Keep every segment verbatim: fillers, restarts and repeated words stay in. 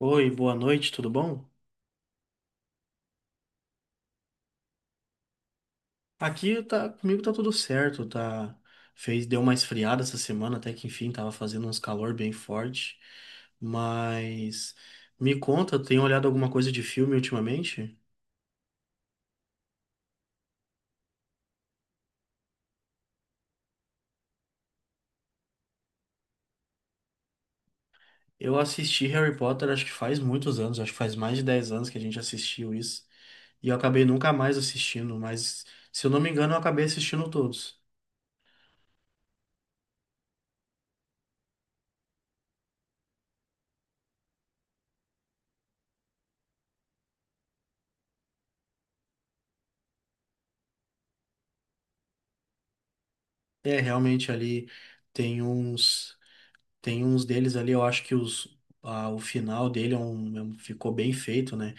Oi, boa noite, tudo bom? Aqui tá, comigo tá tudo certo, tá, fez, deu uma esfriada essa semana, até que enfim, tava fazendo uns calor bem forte, mas me conta, tem olhado alguma coisa de filme ultimamente? Eu assisti Harry Potter, acho que faz muitos anos, acho que faz mais de dez anos que a gente assistiu isso, e eu acabei nunca mais assistindo, mas se eu não me engano, eu acabei assistindo todos. É, realmente ali tem uns. Tem uns deles ali, eu acho que os, ah, o final dele é um, é um- ficou bem feito, né?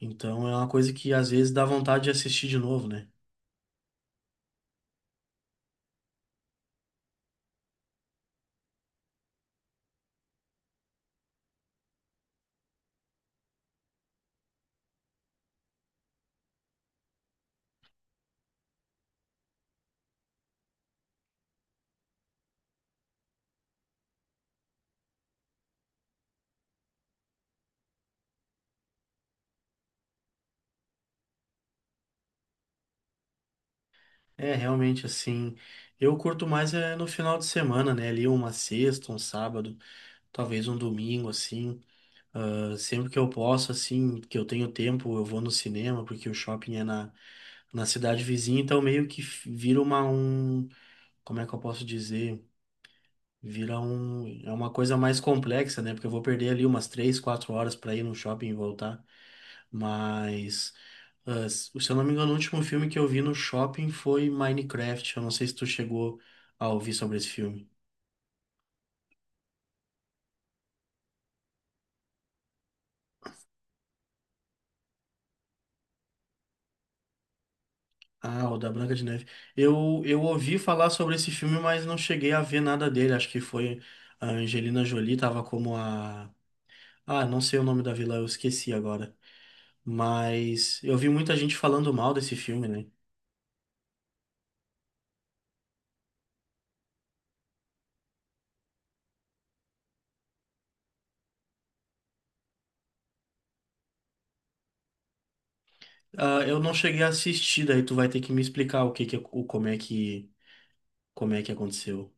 Então é uma coisa que às vezes dá vontade de assistir de novo, né? É realmente assim. Eu curto mais é no final de semana, né? Ali uma sexta, um sábado, talvez um domingo, assim. Ah, sempre que eu posso, assim, que eu tenho tempo, eu vou no cinema, porque o shopping é na, na cidade vizinha, então meio que f- vira uma, um, como é que eu posso dizer? Vira um, é uma coisa mais complexa, né? Porque eu vou perder ali umas três, quatro horas para ir no shopping e voltar. Mas, ah, se se eu não me engano, o último filme que eu vi no shopping foi Minecraft. Eu não sei se tu chegou a ouvir sobre esse filme. Ah, o da Branca de Neve. Eu, eu ouvi falar sobre esse filme, mas não cheguei a ver nada dele. Acho que foi a Angelina Jolie, tava como a. Ah, não sei o nome da vilã, eu esqueci agora. Mas eu vi muita gente falando mal desse filme, né? Ah, eu não cheguei a assistir, daí tu vai ter que me explicar o que que, o, como é que, como é que aconteceu.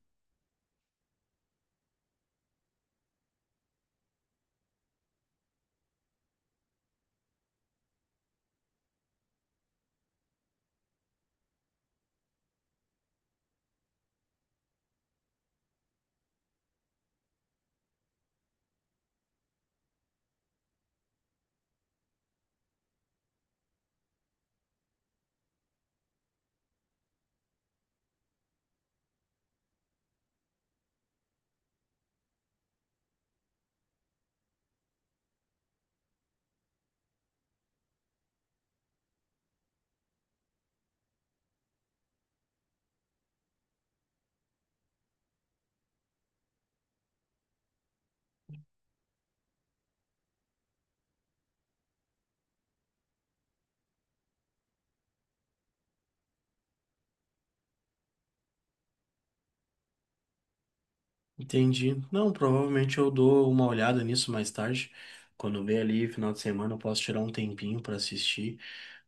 Entendi. Não, provavelmente eu dou uma olhada nisso mais tarde. Quando vier ali final de semana, eu posso tirar um tempinho pra assistir.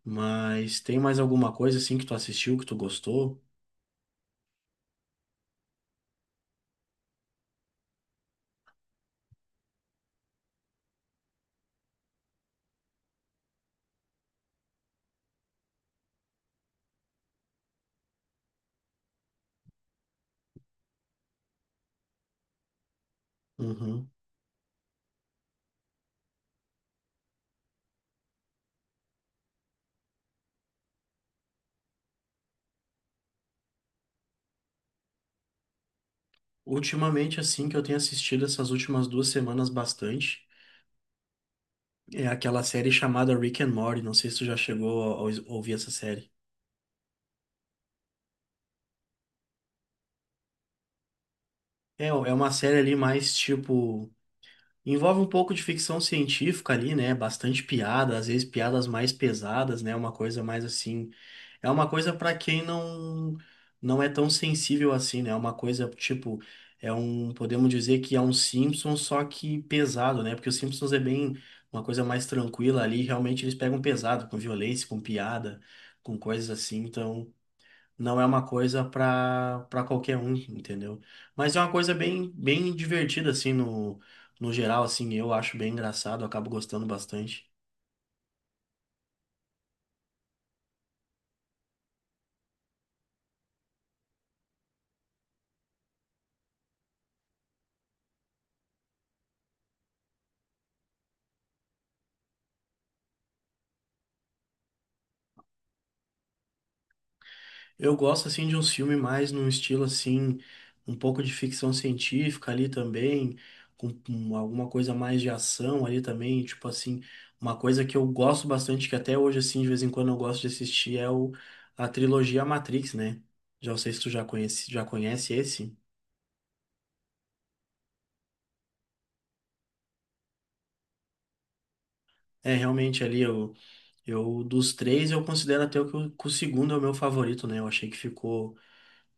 Mas tem mais alguma coisa assim que tu assistiu, que tu gostou? Uhum. Ultimamente, assim, que eu tenho assistido essas últimas duas semanas bastante, é aquela série chamada Rick and Morty. Não sei se tu já chegou a, a ouvir essa série. É, é uma série ali mais tipo. Envolve um pouco de ficção científica ali, né? Bastante piada, às vezes piadas mais pesadas, né? Uma coisa mais assim. É uma coisa para quem não não é tão sensível assim, né? É uma coisa tipo é um, podemos dizer que é um Simpsons só que pesado, né? Porque o Simpsons é bem uma coisa mais tranquila ali, realmente eles pegam pesado com violência, com piada, com coisas assim. Então, não é uma coisa para para qualquer um, entendeu? Mas é uma coisa bem bem divertida assim no no geral assim, eu acho bem engraçado, eu acabo gostando bastante. Eu gosto assim de um filme mais num estilo assim, um pouco de ficção científica ali também, com, com alguma coisa mais de ação ali também, tipo assim, uma coisa que eu gosto bastante que até hoje assim de vez em quando eu gosto de assistir é o a trilogia Matrix, né? Já não sei se tu já conhece, já conhece esse. É realmente ali o Eu, dos três, eu considero até o que, o que o segundo é o meu favorito, né? Eu achei que ficou,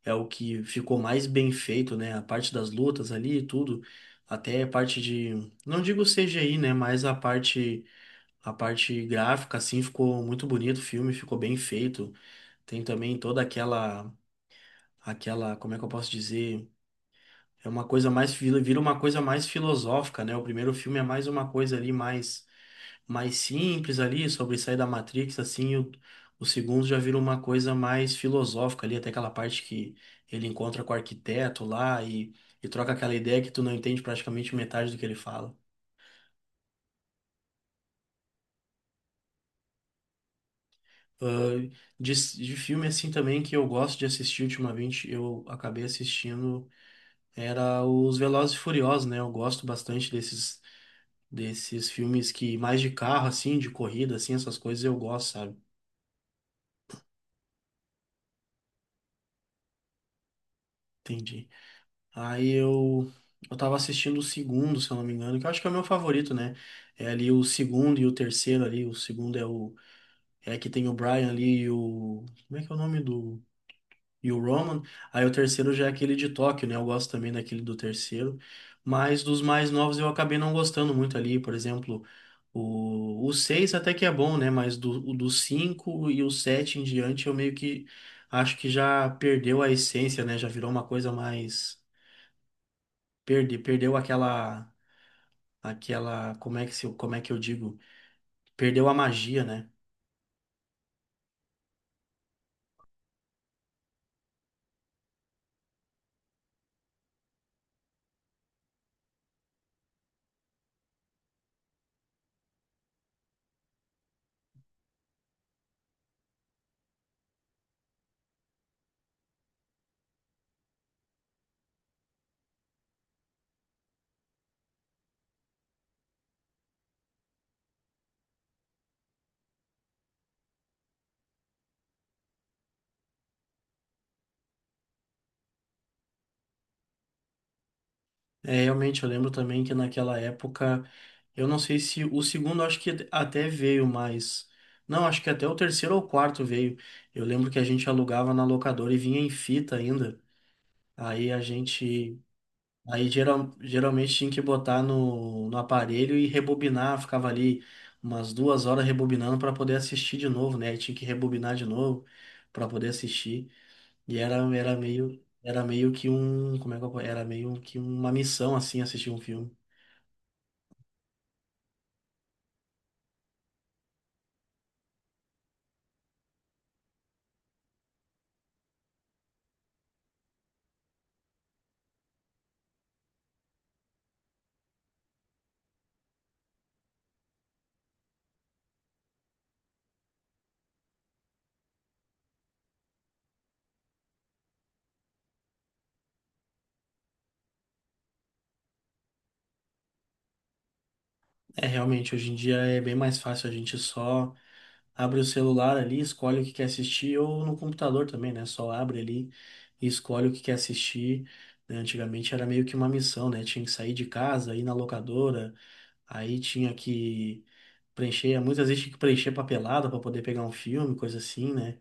é o que ficou mais bem feito, né? A parte das lutas ali e tudo, até a parte de, não digo C G I, né? Mas a parte, a parte gráfica, assim, ficou muito bonito o filme, ficou bem feito. Tem também toda aquela, aquela, como é que eu posso dizer? É uma coisa mais, filo- Vira uma coisa mais filosófica, né? O primeiro filme é mais uma coisa ali mais mais simples ali, sobre sair da Matrix, assim, o, o segundo já vira uma coisa mais filosófica ali, até aquela parte que ele encontra com o arquiteto lá e, e troca aquela ideia que tu não entende praticamente metade do que ele fala. Ah, de, de filme assim também que eu gosto de assistir ultimamente, eu acabei assistindo, era os Velozes e Furiosos, né? Eu gosto bastante desses, desses filmes que mais de carro, assim, de corrida, assim, essas coisas eu gosto, sabe? Entendi. Aí eu, eu tava assistindo o segundo, se eu não me engano, que eu acho que é o meu favorito, né? É ali o segundo e o terceiro ali. O segundo é o. É que tem o Brian ali e o. Como é que é o nome do. E o Roman. Aí o terceiro já é aquele de Tóquio, né? Eu gosto também daquele do terceiro. Mas dos mais novos eu acabei não gostando muito ali. Por exemplo, o, o seis até que é bom, né? Mas do, o do cinco e o sete em diante eu meio que acho que já perdeu a essência, né? Já virou uma coisa mais Perde, perdeu aquela, aquela, como é que se, como é que eu digo? Perdeu a magia, né? É, realmente, eu lembro também que naquela época, eu não sei se o segundo acho que até veio, mas não, acho que até o terceiro ou quarto veio. Eu lembro que a gente alugava na locadora e vinha em fita ainda. Aí a gente, Aí geral, geralmente tinha que botar no, no aparelho e rebobinar, ficava ali umas duas horas rebobinando para poder assistir de novo, né? Aí tinha que rebobinar de novo para poder assistir. E era, era meio, era meio que um, como é que eu, po- era meio que uma missão assim assistir um filme. É realmente hoje em dia é bem mais fácil, a gente só abre o celular ali, escolhe o que quer assistir ou no computador também, né? Só abre ali e escolhe o que quer assistir. Né? Antigamente era meio que uma missão, né? Tinha que sair de casa, ir na locadora, aí tinha que preencher, muitas vezes tinha que preencher papelada para poder pegar um filme, coisa assim, né?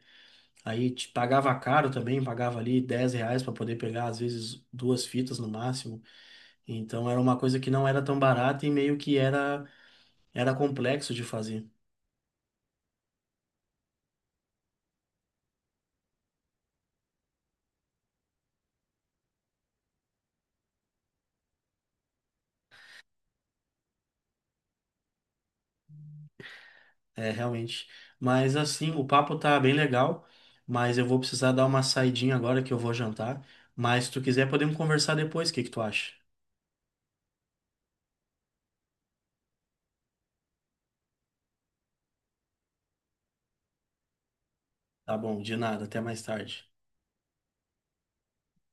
Aí te pagava caro também, pagava ali dez reais para poder pegar, às vezes, duas fitas no máximo. Então era uma coisa que não era tão barata e meio que era, era complexo de fazer. É, realmente. Mas assim, o papo tá bem legal, mas eu vou precisar dar uma saidinha agora que eu vou jantar. Mas se tu quiser, podemos conversar depois, o que que tu acha? Tá bom, de nada, até mais tarde.